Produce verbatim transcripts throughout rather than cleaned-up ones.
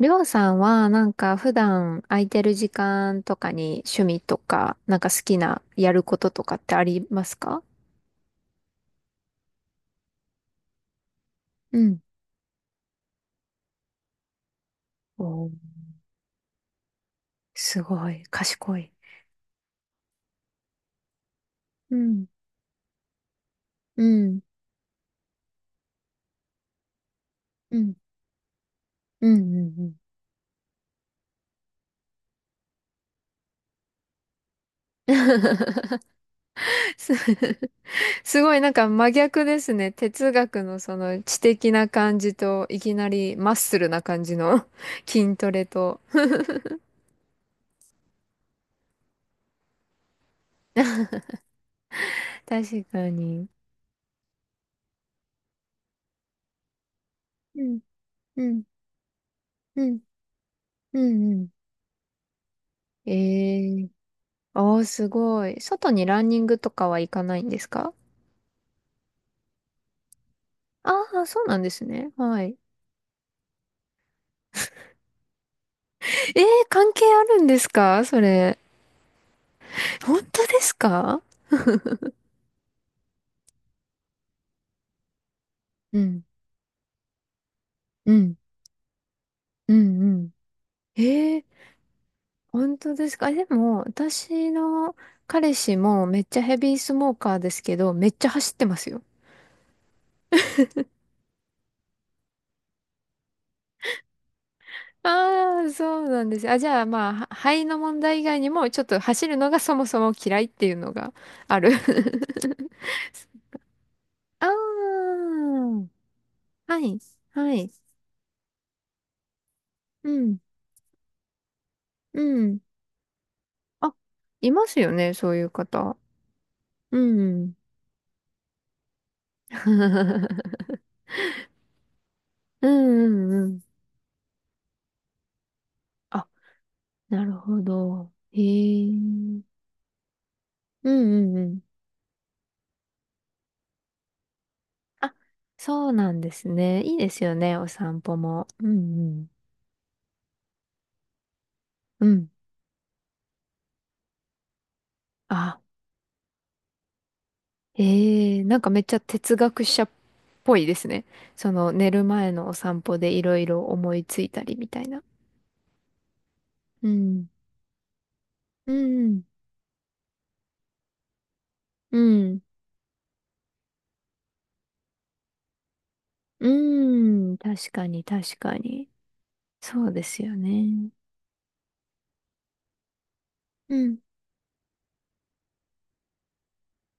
りょうさんは、なんか普段空いてる時間とかに趣味とか、なんか好きなやることとかってありますか？うん。おー、すごい、賢い。うん、うん、うん、うん、うん、うん。 すすごいなんか真逆ですね。哲学のその知的な感じと、いきなりマッスルな感じの 筋トレと。確かに。うん、うん、うん、うん、うん。ええ、おーすごい。外にランニングとかは行かないんですか？ああー、そうなんですね。はい。えー、関係あるんですかそれ。本当ですか？うん、うん、うん、うん。えー、本当ですか？え、でも、私の彼氏もめっちゃヘビースモーカーですけど、めっちゃ走ってますよ。ああ、そうなんです。あ、じゃあ、まあ、は肺の問題以外にも、ちょっと走るのがそもそも嫌いっていうのがある。ああ、はい。はい。うん。うん。あ、いますよね、そういう方。うん。うんうんうん。あ、なるほど。へえ。うんうんうん。あ、そうなんですね。いいですよね、お散歩も。うんうん。うん。あ、へえ、なんかめっちゃ哲学者っぽいですね。その寝る前のお散歩でいろいろ思いついたりみたいな。うん。うんうん。うん。うーん、確かに確かに。そうですよね。うん、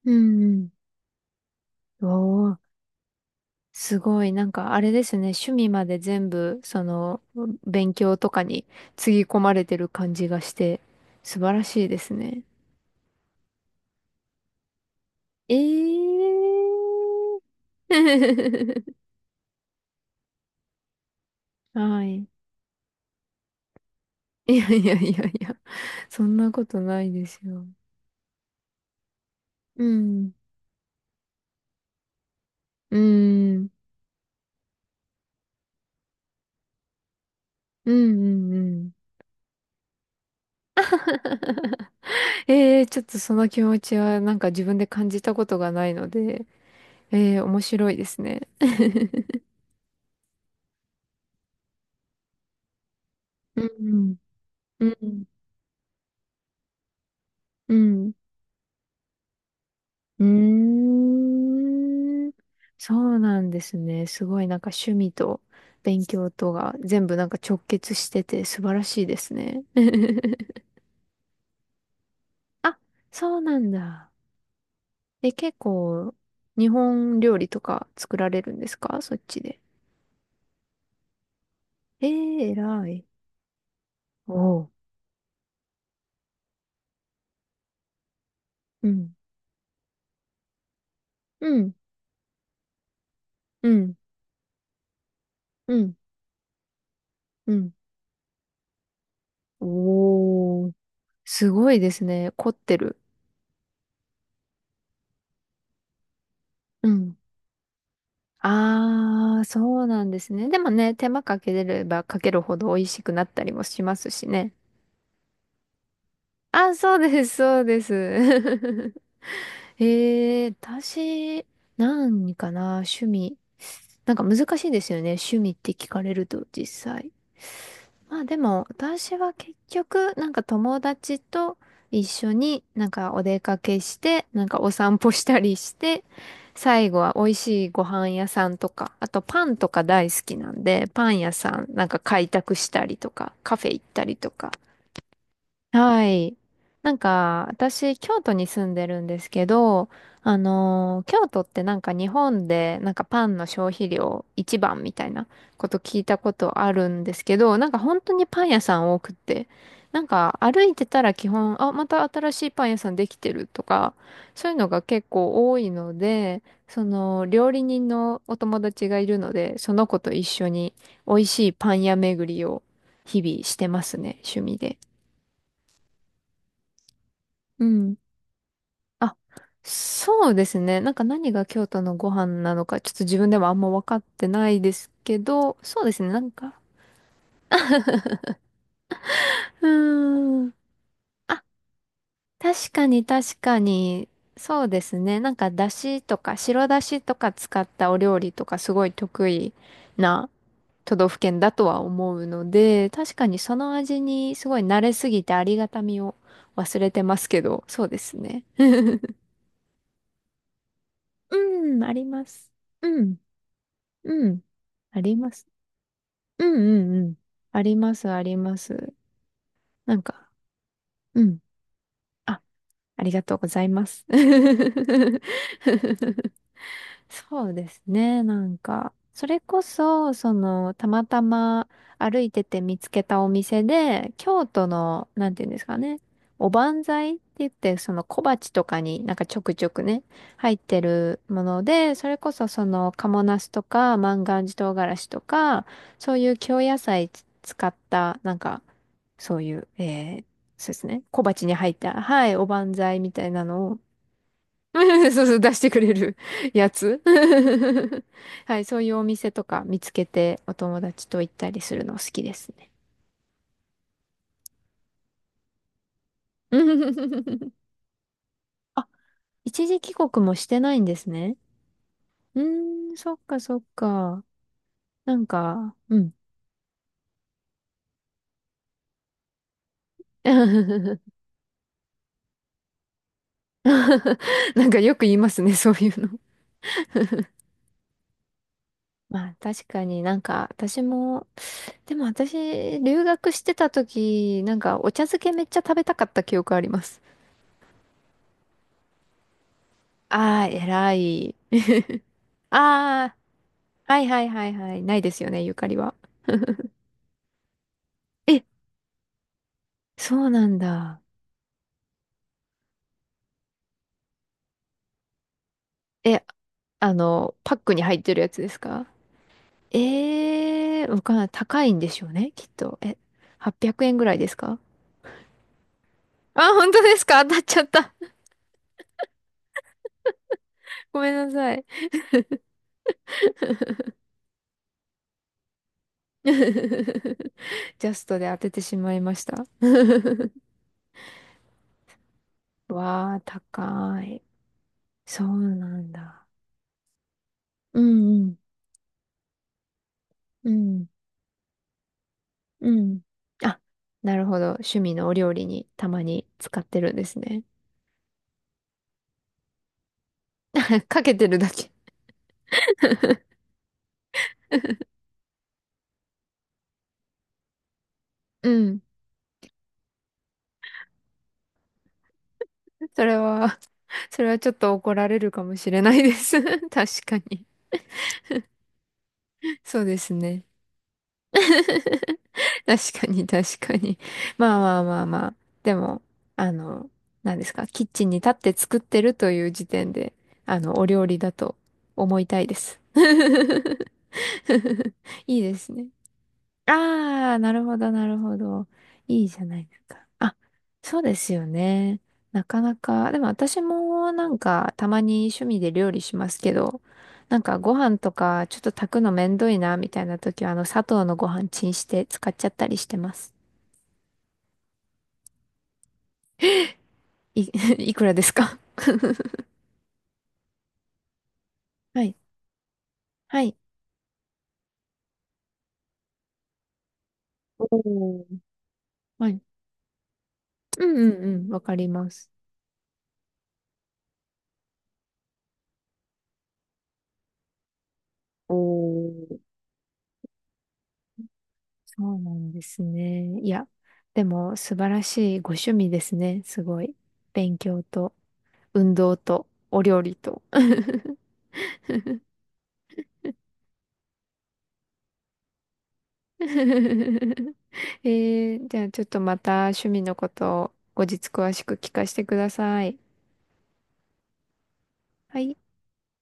うん、うん。おー、すごい。なんかあれですね。趣味まで全部、その、勉強とかにつぎ込まれてる感じがして、素晴らしいですね。えー。はい。いやいやいやいや、そんなことないですよ。うん、うん、うん、うん、うん。ええ、ちょっとその気持ちはなんか自分で感じたことがないので、ええ、面白いですね。うんうん。うん。うん。うーん。そうなんですね。すごいなんか趣味と勉強とが全部なんか直結してて素晴らしいですね。あ、そうなんだ。え、結構日本料理とか作られるんですかそっちで。ええ、偉い。おう。うん。うん。うん。うん。うん。おー、すごいですね。凝ってる。うん。あー、そうなんですね。でもね、手間かけれればかけるほど美味しくなったりもしますしね。あ、そうです、そうです。えー、私、何かな、趣味。なんか難しいですよね。趣味って聞かれると実際。まあでも私は結局なんか友達と一緒になんかお出かけしてなんかお散歩したりして、最後は美味しいご飯屋さんとかあとパンとか大好きなんでパン屋さんなんか開拓したりとかカフェ行ったりとか。はい。なんか、私、京都に住んでるんですけど、あのー京都ってなんか日本で、なんかパンの消費量一番みたいなこと聞いたことあるんですけど、なんか本当にパン屋さん多くって、なんか歩いてたら基本、あ、また新しいパン屋さんできてるとか、そういうのが結構多いので、その、料理人のお友達がいるので、その子と一緒に美味しいパン屋巡りを日々してますね、趣味で。うん。あ、そうですね。なんか何が京都のご飯なのか、ちょっと自分でもあんま分かってないですけど、そうですね。なんか、うーん。あ、確かに確かに、そうですね。なんか、だしとか、白だしとか使ったお料理とか、すごい得意な都道府県だとは思うので、確かにその味にすごい慣れすぎてありがたみを忘れてますけど、そうですね。うん、あります。うん、うん、あります。うんうんうん。あります、あります。なんか、うん。あ、ありがとうございます。そうですね、なんか。それこそ、その、たまたま歩いてて見つけたお店で、京都の、なんていうんですかね、おばんざいって言って、その小鉢とかになんかちょくちょくね、入ってるもので、それこそその、賀茂なすとか、万願寺唐辛子とか、そういう京野菜つ使った、なんか、そういう、えー、そうですね、小鉢に入った、はい、おばんざいみたいなのを、そうそう、出してくれる やつ。はい、そういうお店とか見つけてお友達と行ったりするの好きですね。あ、一時帰国もしてないんですね。うーん、そっかそっか。なんか、うん。なんかよく言いますね、そういうの。まあ確かになんか私も、でも私留学してた時、なんかお茶漬けめっちゃ食べたかった記憶あります。ああ、偉い。ああ。はいはいはいはい。ないですよね、ゆかりは。え、そうなんだ。え、あの、パックに入ってるやつですか？ええー、わかんない。高いんでしょうね、きっと。え、はっぴゃくえんぐらいですか？あ、本当ですか当たっちゃった。ごめんなさい。ジャストで当ててしまいました。わあ、高い。そうなんだ。うんうん、うん、うん。あ、なるほど。趣味のお料理にたまに使ってるんですね。かけてるだけ。うん。それは、それはちょっと怒られるかもしれないです。確かに。そうですね。確かに、確かに。まあまあまあまあ。でも、あの、何ですか、キッチンに立って作ってるという時点で、あの、お料理だと思いたいです。いいですね。ああ、なるほど、なるほど。いいじゃないですか。あ、そうですよね。なかなか、でも私もなんかたまに趣味で料理しますけど、なんかご飯とかちょっと炊くのめんどいなみたいな時はあの砂糖のご飯チンして使っちゃったりしてます。い、いくらですか はい。はい。おー、はい。うんうんうん。わかります。おー、そうなんですね。いや、でも素晴らしいご趣味ですね。すごい。勉強と、運動と、お料理と。えー、じゃあちょっとまた趣味のことを後日詳しく聞かせてください。はい。